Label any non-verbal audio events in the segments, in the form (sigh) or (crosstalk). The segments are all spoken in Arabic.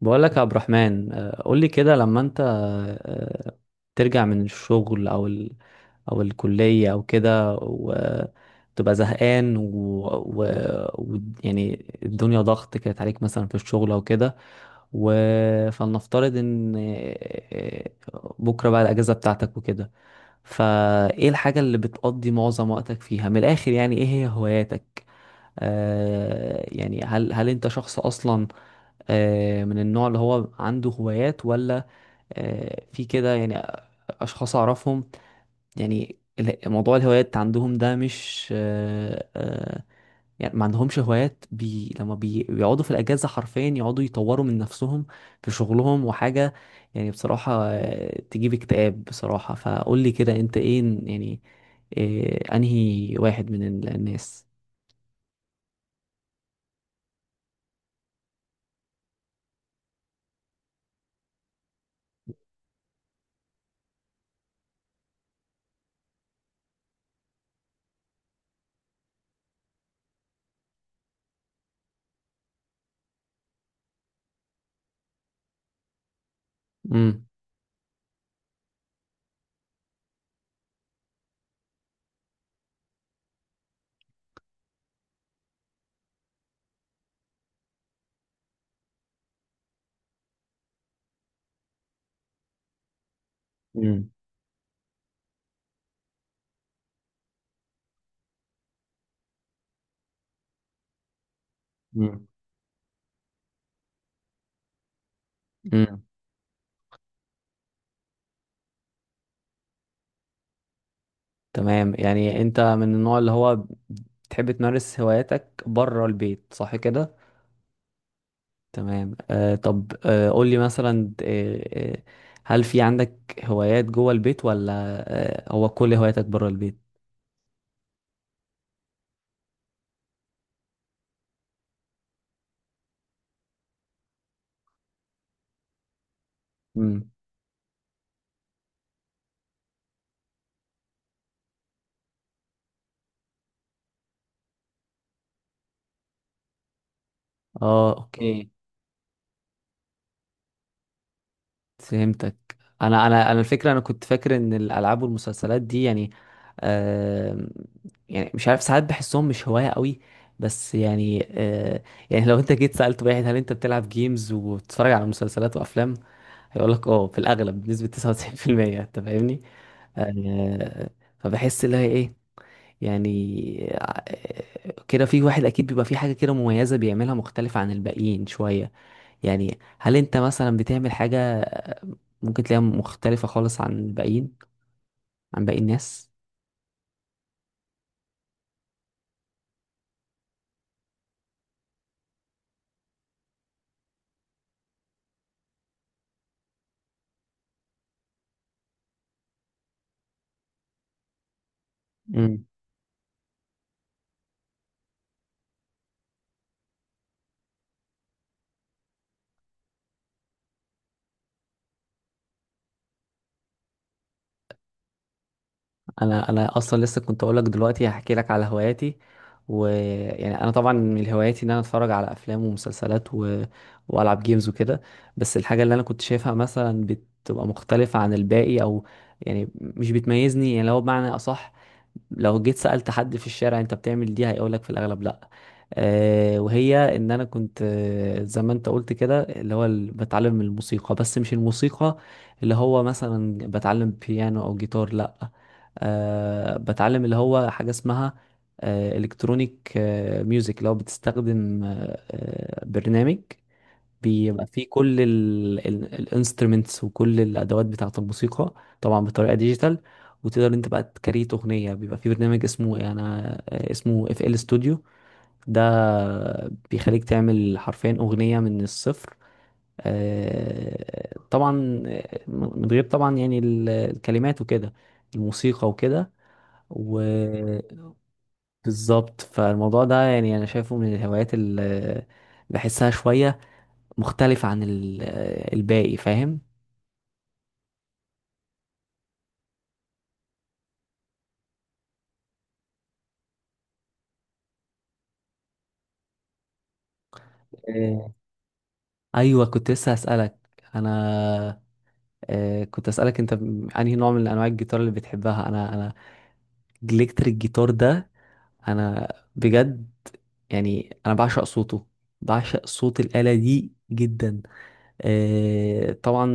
بقول لك يا عبد الرحمن، قول لي كده لما انت آه، ترجع من الشغل او الكلية او كده وتبقى زهقان، و... يعني الدنيا ضغط كانت عليك مثلا في الشغل او كده. و... فلنفترض ان بكرة بقى الاجازة بتاعتك وكده. فايه الحاجة اللي بتقضي معظم وقتك فيها، من الاخر يعني ايه هي هواياتك؟ يعني هل انت شخص اصلا من النوع اللي هو عنده هوايات؟ ولا في كده يعني أشخاص أعرفهم، يعني موضوع الهوايات عندهم ده مش يعني ما عندهمش هوايات. بي لما بي بيقعدوا في الأجازة حرفيا يقعدوا يطوروا من نفسهم في شغلهم وحاجة. يعني بصراحة تجيب اكتئاب بصراحة. فقول لي كده، أنت إيه يعني، أنهي واحد من الناس؟ مم. مم. مم. مم. تمام، يعني انت من النوع اللي هو تحب تمارس هواياتك بره البيت، صح كده؟ تمام. طب، قول لي مثلا، هل في عندك هوايات جوه البيت؟ ولا هو كل هواياتك بره البيت؟ امم اه، اوكي، فهمتك. انا، الفكره انا كنت فاكر ان الالعاب والمسلسلات دي يعني، آه يعني مش عارف، ساعات بحسهم مش هوايه قوي، بس يعني يعني لو انت جيت سالت واحد هل انت بتلعب جيمز وبتتفرج على مسلسلات وافلام، هيقول لك اه في الاغلب بنسبه 99%. انت فاهمني؟ آه فبحس اللي هي ايه، يعني كده في واحد اكيد بيبقى في حاجه كده مميزه بيعملها مختلفه عن الباقيين شويه. يعني هل انت مثلا بتعمل حاجة ممكن تلاقيها مختلفة خالص عن الباقيين، عن باقي الناس؟ مم. انا اصلا لسه كنت اقول لك دلوقتي هحكي لك على هواياتي. ويعني انا طبعا من هواياتي ان انا اتفرج على افلام ومسلسلات، والعب جيمز وكده. بس الحاجه اللي انا كنت شايفها مثلا بتبقى مختلفه عن الباقي، او يعني مش بتميزني، يعني لو بمعنى اصح، لو جيت سألت حد في الشارع انت بتعمل دي، هيقولك في الاغلب لا. أه، وهي ان انا كنت، زي ما انت قلت كده، اللي هو بتعلم الموسيقى. بس مش الموسيقى اللي هو مثلا بتعلم بيانو او جيتار، لا. بتعلم اللي هو حاجة اسمها الكترونيك ميوزك. لو بتستخدم برنامج بيبقى فيه كل الانسترومنتس وكل الادوات بتاعة الموسيقى، طبعا بطريقة ديجيتال، وتقدر انت بقى تكريت اغنية. بيبقى فيه برنامج اسمه، انا آه، اسمه FL Studio. ده بيخليك تعمل حرفيا اغنية من الصفر. طبعا من غير طبعا يعني الكلمات وكده، الموسيقى وكده، وبالظبط. فالموضوع ده يعني انا شايفه من الهوايات اللي بحسها شوية مختلفة عن الباقي، فاهم؟ إيه. ايوه، كنت لسه هسألك. انا كنت اسألك انت انهي نوع من انواع الجيتار اللي بتحبها. انا الكتريك جيتار ده، انا بجد يعني انا بعشق صوته، بعشق صوت الآلة دي جدا. طبعا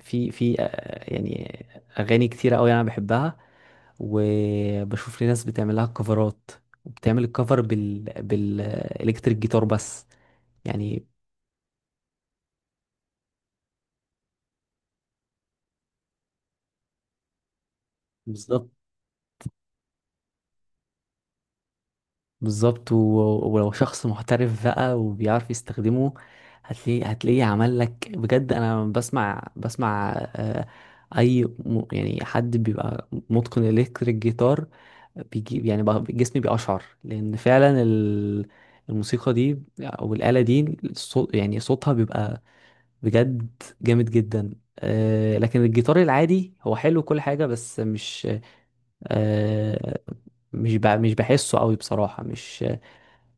في في يعني اغاني كتيره قوي انا بحبها، وبشوف لي ناس بتعملها كفرات، وبتعمل الكفر بالالكتريك جيتار بس يعني. بالظبط. بالظبط، ولو شخص محترف بقى وبيعرف يستخدمه، هتلاقيه عمل لك بجد. انا بسمع اي يعني حد بيبقى متقن الكتريك جيتار، بيجي يعني جسمي بيقشعر، لان فعلا الموسيقى دي او الآلة دي، الصوت يعني صوتها بيبقى بجد جامد جدا. لكن الجيتار العادي هو حلو كل حاجة، بس آه، مش بحسه قوي بصراحة. مش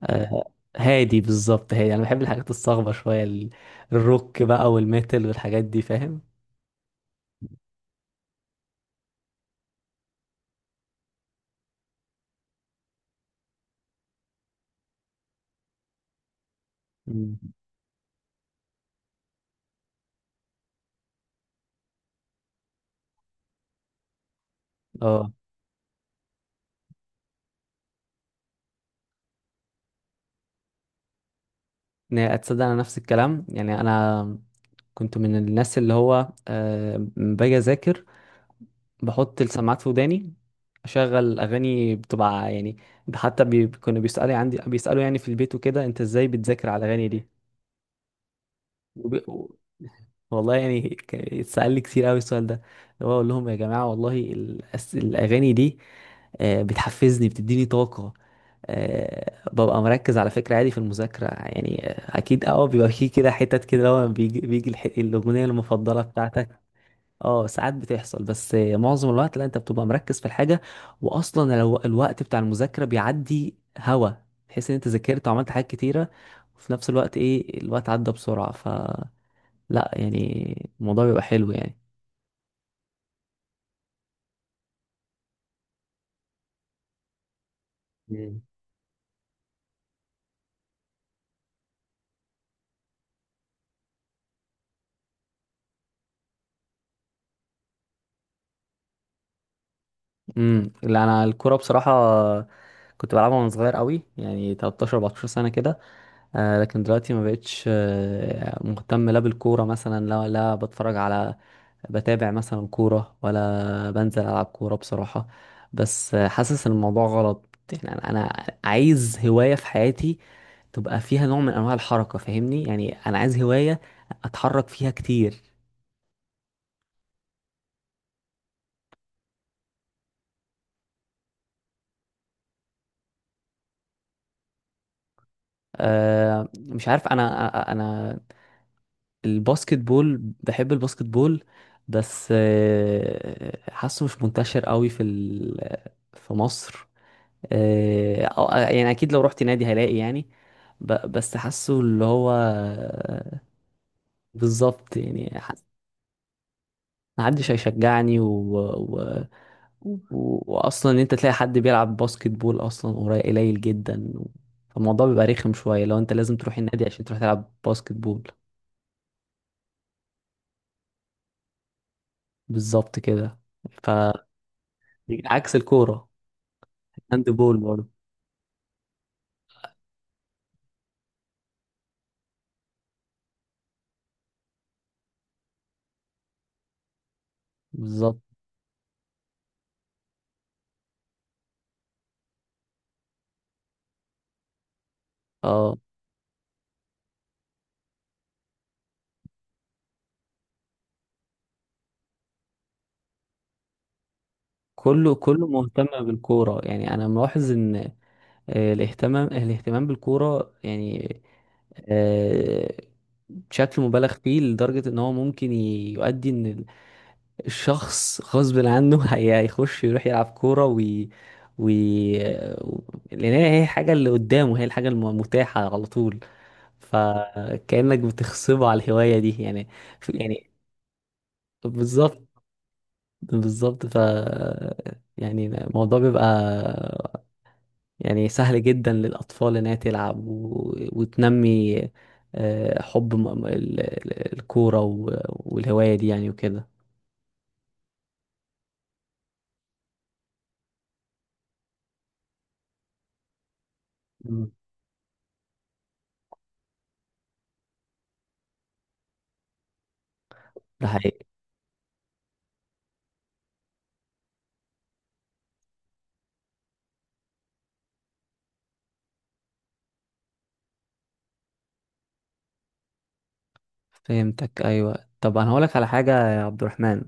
هادي بالظبط، هادي، انا بحب الحاجات الصاخبه شويه، الروك بقى والميتال والحاجات دي، فاهم؟ مم. اه، يعني اتصدق انا نفس الكلام، يعني انا كنت من الناس اللي هو لما باجي اذاكر بحط السماعات في وداني، اشغل اغاني بتبقى يعني، حتى كانوا بيسالوا عندي، بيسالوا يعني في البيت وكده، انت ازاي بتذاكر على الاغاني دي؟ وب- و- والله يعني، اتسأل لي كتير قوي السؤال ده، اللي هو اقول لهم يا جماعه والله الاغاني دي بتحفزني، بتديني طاقه، ببقى مركز على فكره عادي في المذاكره يعني. اكيد اه، بيبقى في كده حتت كده، لما بيجي الاغنيه المفضله بتاعتك. اه ساعات بتحصل، بس معظم الوقت لا. انت بتبقى مركز في الحاجه، واصلا الوقت بتاع المذاكره بيعدي هوا، تحس ان انت ذاكرت وعملت حاجات كتيره، وفي نفس الوقت ايه الوقت عدى بسرعه، لا يعني الموضوع بيبقى حلو يعني. مم. لا انا الكوره بصراحه كنت بلعبها وانا صغير قوي يعني 13 14 سنه كده. لكن دلوقتي ما بقتش مهتم، لا بالكوره مثلا، لا لا بتفرج على بتابع مثلا كوره، ولا بنزل العب كوره بصراحه. بس حاسس ان الموضوع غلط يعني. أنا عايز هوايه في حياتي تبقى فيها نوع من انواع الحركه، فاهمني؟ يعني انا عايز هوايه اتحرك فيها كتير. مش عارف. انا، انا الباسكت بول بحب الباسكت بول، بس حاسه مش منتشر قوي في في مصر. يعني اكيد لو رحت نادي هلاقي يعني، بس حاسه اللي هو بالظبط يعني. محدش هيشجعني، و... واصلا ان انت تلاقي حد بيلعب باسكت بول اصلا قريب قليل جدا، فالموضوع بيبقى رخم شوية لو انت لازم تروح النادي عشان تروح تلعب باسكت بول. بالظبط كده. ف عكس الكورة، الهاند بول برضه بالظبط. اه، كله مهتم بالكورة يعني. أنا ملاحظ إن الاهتمام بالكورة يعني آه، بشكل مبالغ فيه، لدرجة إن هو ممكن يؤدي إن الشخص غصب عنه (laughs) هيخش يروح يلعب كورة، وي و- لأن هي الحاجة اللي قدامه، هي الحاجة المتاحة على طول، فكأنك بتخصبه على الهواية دي يعني. يعني بالظبط بالظبط. يعني الموضوع بيبقى يعني سهل جدا للأطفال إنها تلعب وتنمي حب الكورة والهواية دي يعني وكده. مم. ده حقيقي فهمتك. أيوة، طب أنا هقولك على حاجة يا عبد الرحمن.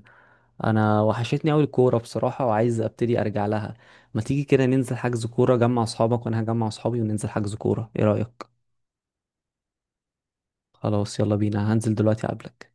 أنا وحشتني أوي الكورة بصراحة، وعايز أبتدي أرجع لها. ما تيجي كده ننزل حجز كورة، جمع أصحابك وأنا هجمع أصحابي، وننزل حجز كورة، إيه رأيك؟ خلاص، يلا بينا، هنزل دلوقتي أقابلك.